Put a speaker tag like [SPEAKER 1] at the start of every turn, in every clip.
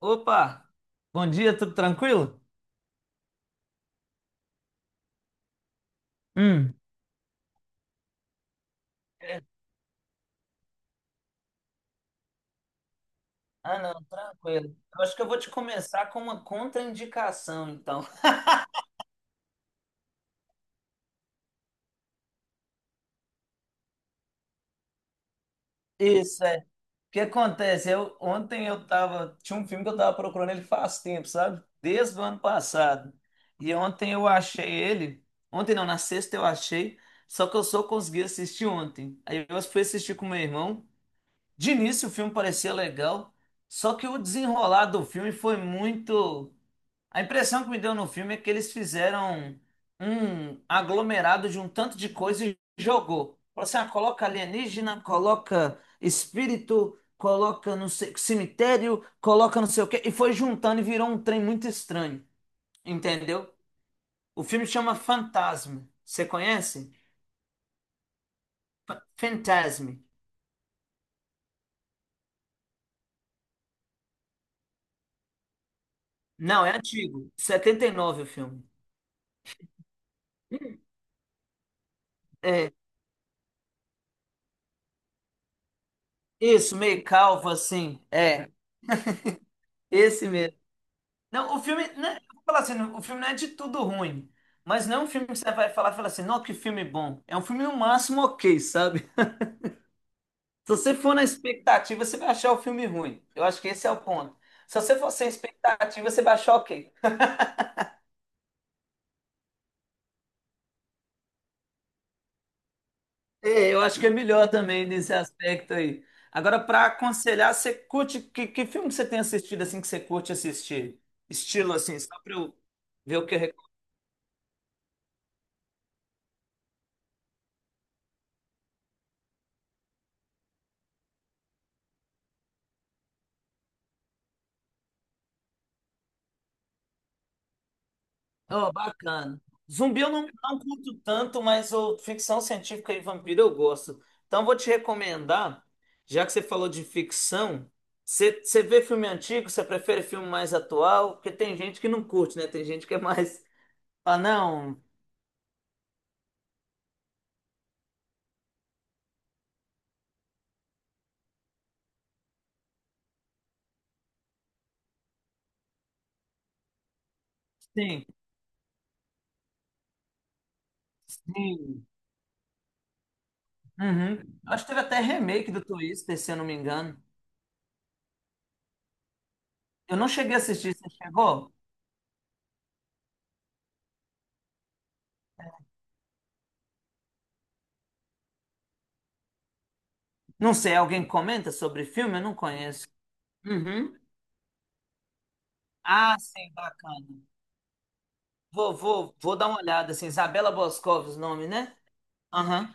[SPEAKER 1] Opa, bom dia, tudo tranquilo? Hum, É. Ah, não, tranquilo. Eu acho que eu vou te começar com uma contraindicação, então. Isso, é. O que acontece? Eu, ontem eu tava. Tinha um filme que eu tava procurando ele faz tempo, sabe? Desde o ano passado. E ontem eu achei ele. Ontem não, na sexta eu achei. Só que eu só consegui assistir ontem. Aí eu fui assistir com meu irmão. De início o filme parecia legal. Só que o desenrolar do filme foi muito. A impressão que me deu no filme é que eles fizeram um aglomerado de um tanto de coisa e jogou. Falou assim, ah, coloca alienígena, coloca espírito, coloca no cemitério, coloca não sei o quê, e foi juntando e virou um trem muito estranho, entendeu? O filme chama Fantasma. Você conhece? Fantasme. Não, é antigo. 79 o filme. É, isso, meio calvo assim. É, esse mesmo. Não, o filme, né, eu vou falar assim, o filme não é de tudo ruim, mas não é um filme que você vai falar e falar assim, não, que filme bom. É um filme no máximo ok, sabe? Se você for na expectativa, você vai achar o filme ruim. Eu acho que esse é o ponto. Se você for sem expectativa, você vai achar ok. É, eu acho que é melhor também nesse aspecto aí. Agora, para aconselhar, você curte, que filme que você tem assistido assim que você curte assistir? Estilo assim, só para eu ver o que eu. Oh, bacana. Zumbi eu não curto tanto, mas o ficção científica e vampiro eu gosto. Então vou te recomendar, já que você falou de ficção, você vê filme antigo, você prefere filme mais atual? Porque tem gente que não curte, né? Tem gente que é mais. Ah, não. Sim, sim. Uhum. Acho que teve até remake do Twister, se eu não me engano. Eu não cheguei a assistir, você chegou? Não sei, alguém comenta sobre filme? Eu não conheço. Uhum. Ah, sim, bacana. Vou dar uma olhada, assim, Isabela Boscov, os nomes, né? Aham.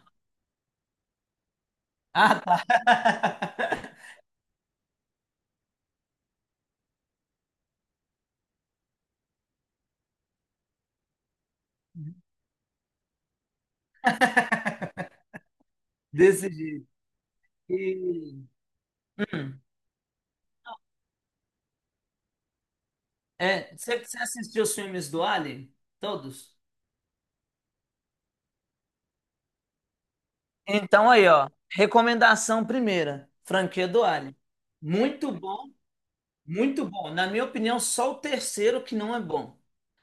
[SPEAKER 1] Ah, tá. Desse jeito. E- Hum. É, você assistiu os filmes do Ali? Todos? Então aí, ó. Recomendação primeira, franquia do Ali. Muito bom, muito bom. Na minha opinião, só o terceiro que não é bom.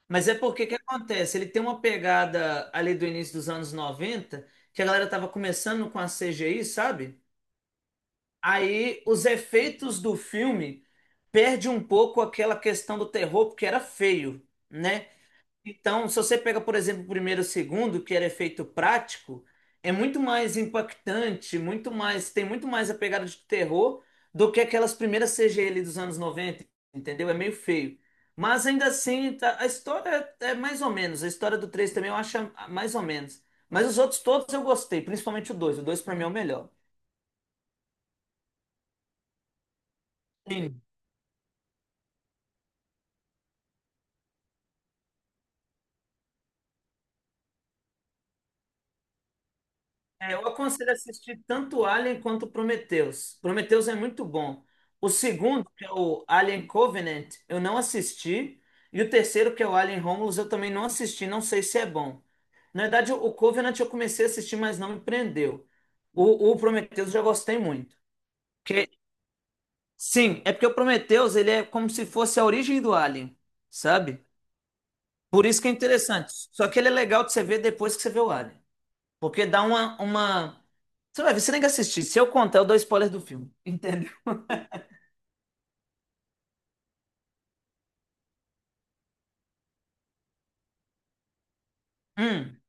[SPEAKER 1] Mas é porque que acontece? Ele tem uma pegada ali do início dos anos 90, que a galera tava começando com a CGI, sabe? Aí os efeitos do filme perde um pouco aquela questão do terror, porque era feio, né? Então, se você pega, por exemplo, o primeiro e o segundo, que era efeito prático, é muito mais impactante, muito mais, tem muito mais a pegada de terror do que aquelas primeiras CGI ali dos anos 90, entendeu? É meio feio. Mas ainda assim, a história é mais ou menos. A história do 3 também eu acho mais ou menos. Mas os outros todos eu gostei, principalmente o 2. O 2 pra mim é o melhor. É, eu aconselho assistir tanto Alien quanto Prometheus. Prometheus é muito bom. O segundo, que é o Alien Covenant, eu não assisti. E o terceiro, que é o Alien Romulus, eu também não assisti. Não sei se é bom. Na verdade, o Covenant eu comecei a assistir, mas não me prendeu. O Prometheus eu já gostei muito. Porque, sim, é porque o Prometheus ele é como se fosse a origem do Alien, sabe? Por isso que é interessante. Só que ele é legal de você ver depois que você vê o Alien. Porque dá uma... Você vai ver, você nem que assistir. Se eu contar, eu dou spoiler do filme. Entendeu? Hum.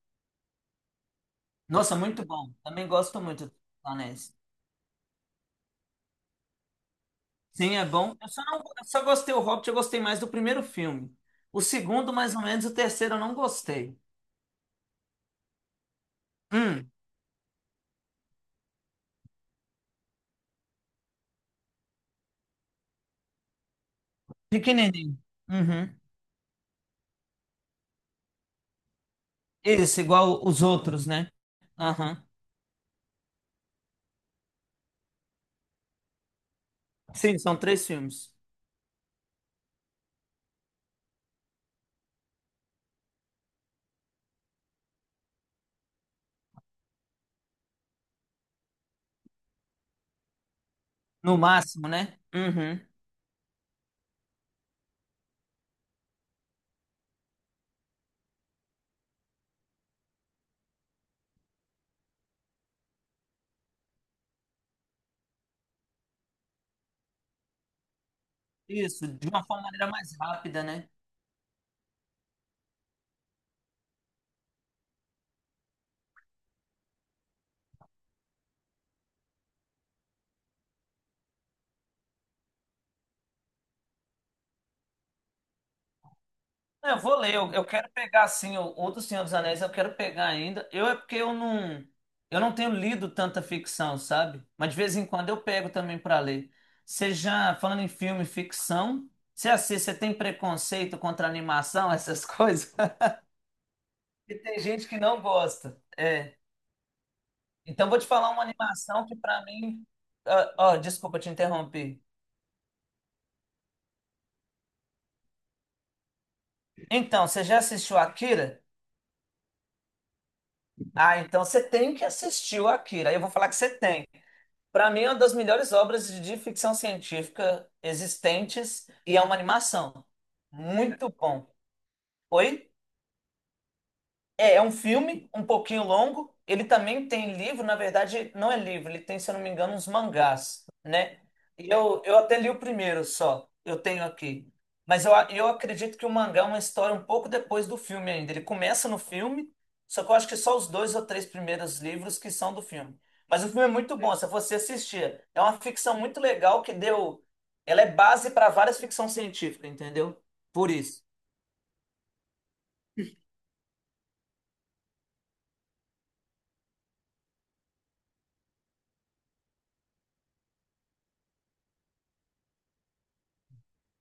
[SPEAKER 1] Nossa, muito bom. Também gosto muito dos Anéis. Sim, é bom. Eu só não, eu só gostei o Hobbit, eu gostei mais do primeiro filme. O segundo, mais ou menos, o terceiro eu não gostei. Hum, pequenininho. Uhum. Esse, igual os outros, né? Aham. Sim, são três filmes. No máximo, né? Uhum. Isso, de uma forma maneira mais rápida, né? Eu vou ler, eu quero pegar assim, o do Senhor dos Anéis eu quero pegar ainda. Eu é porque eu não tenho lido tanta ficção, sabe? Mas de vez em quando eu pego também para ler. Você já, falando em filme e ficção, você assiste, você tem preconceito contra animação, essas coisas? E tem gente que não gosta. Então vou te falar uma animação que para mim, desculpa te interromper. Então, você já assistiu Akira? Ah, então você tem que assistir o Akira. Aí eu vou falar que você tem. Para mim, é uma das melhores obras de ficção científica existentes e é uma animação. Muito bom. Oi? É, é um filme um pouquinho longo. Ele também tem livro, na verdade, não é livro, ele tem, se eu não me engano, uns mangás, né? Eu até li o primeiro só, eu tenho aqui. Mas eu, eu acredito que o mangá é uma história um pouco depois do filme ainda. Ele começa no filme, só que eu acho que só os dois ou três primeiros livros que são do filme. Mas o filme é muito bom, se você assistir. É uma ficção muito legal que deu. Ela é base para várias ficção científica, entendeu? Por isso.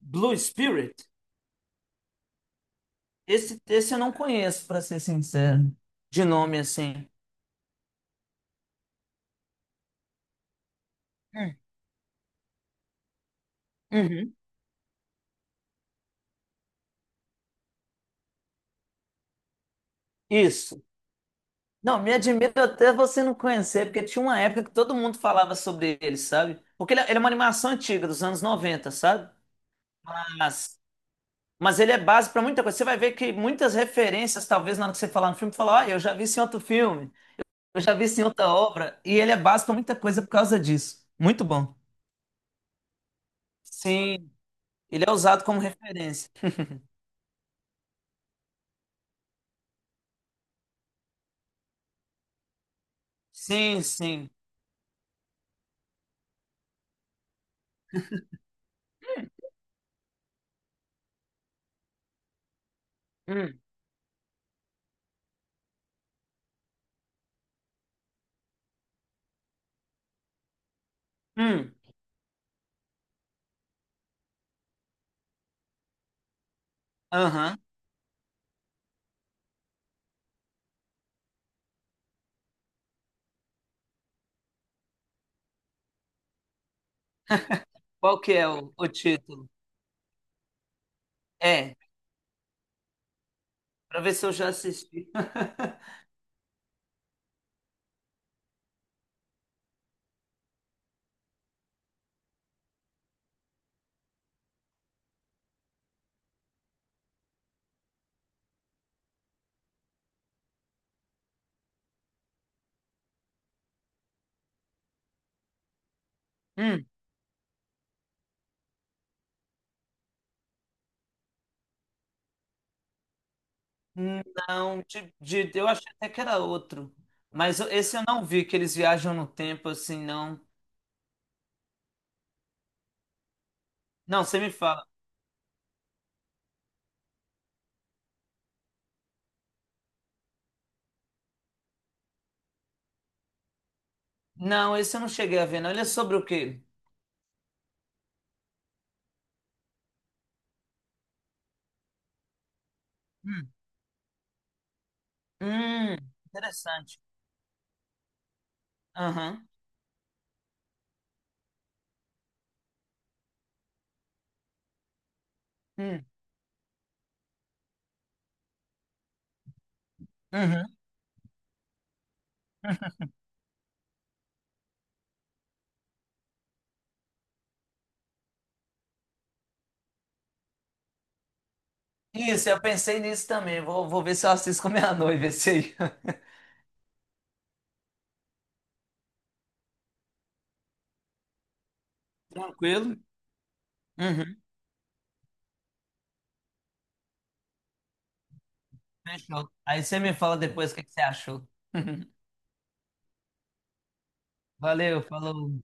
[SPEAKER 1] Blue Spirit? Esse eu não conheço, para ser sincero. De nome assim. Hum, Uhum. Isso. Não, me admira até você não conhecer, porque tinha uma época que todo mundo falava sobre ele, sabe? Porque ele é uma animação antiga, dos anos 90, sabe? Mas, mas ele é base para muita coisa. Você vai ver que muitas referências, talvez na hora que você falar no filme, falar, ah, eu já vi isso em outro filme, eu já vi isso em outra obra, e ele é base para muita coisa por causa disso. Muito bom. Sim, ele é usado como referência. Sim, sim. Hum, hum. Aham. Qual que é o título? É, para ver se eu já assisti. Hum, não, de, eu achei até que era outro. Esse eu não vi, que eles viajam no tempo assim, não. Não, você me fala. Não, esse eu não cheguei a ver, não. Ele é sobre o quê? Hum, hum, interessante. Aham. hum, uhum. Isso, eu pensei nisso também. Vou ver se eu assisto com a minha noiva esse aí. Tranquilo? Uhum, fechou. Aí você me fala depois o que que você achou. Valeu, falou.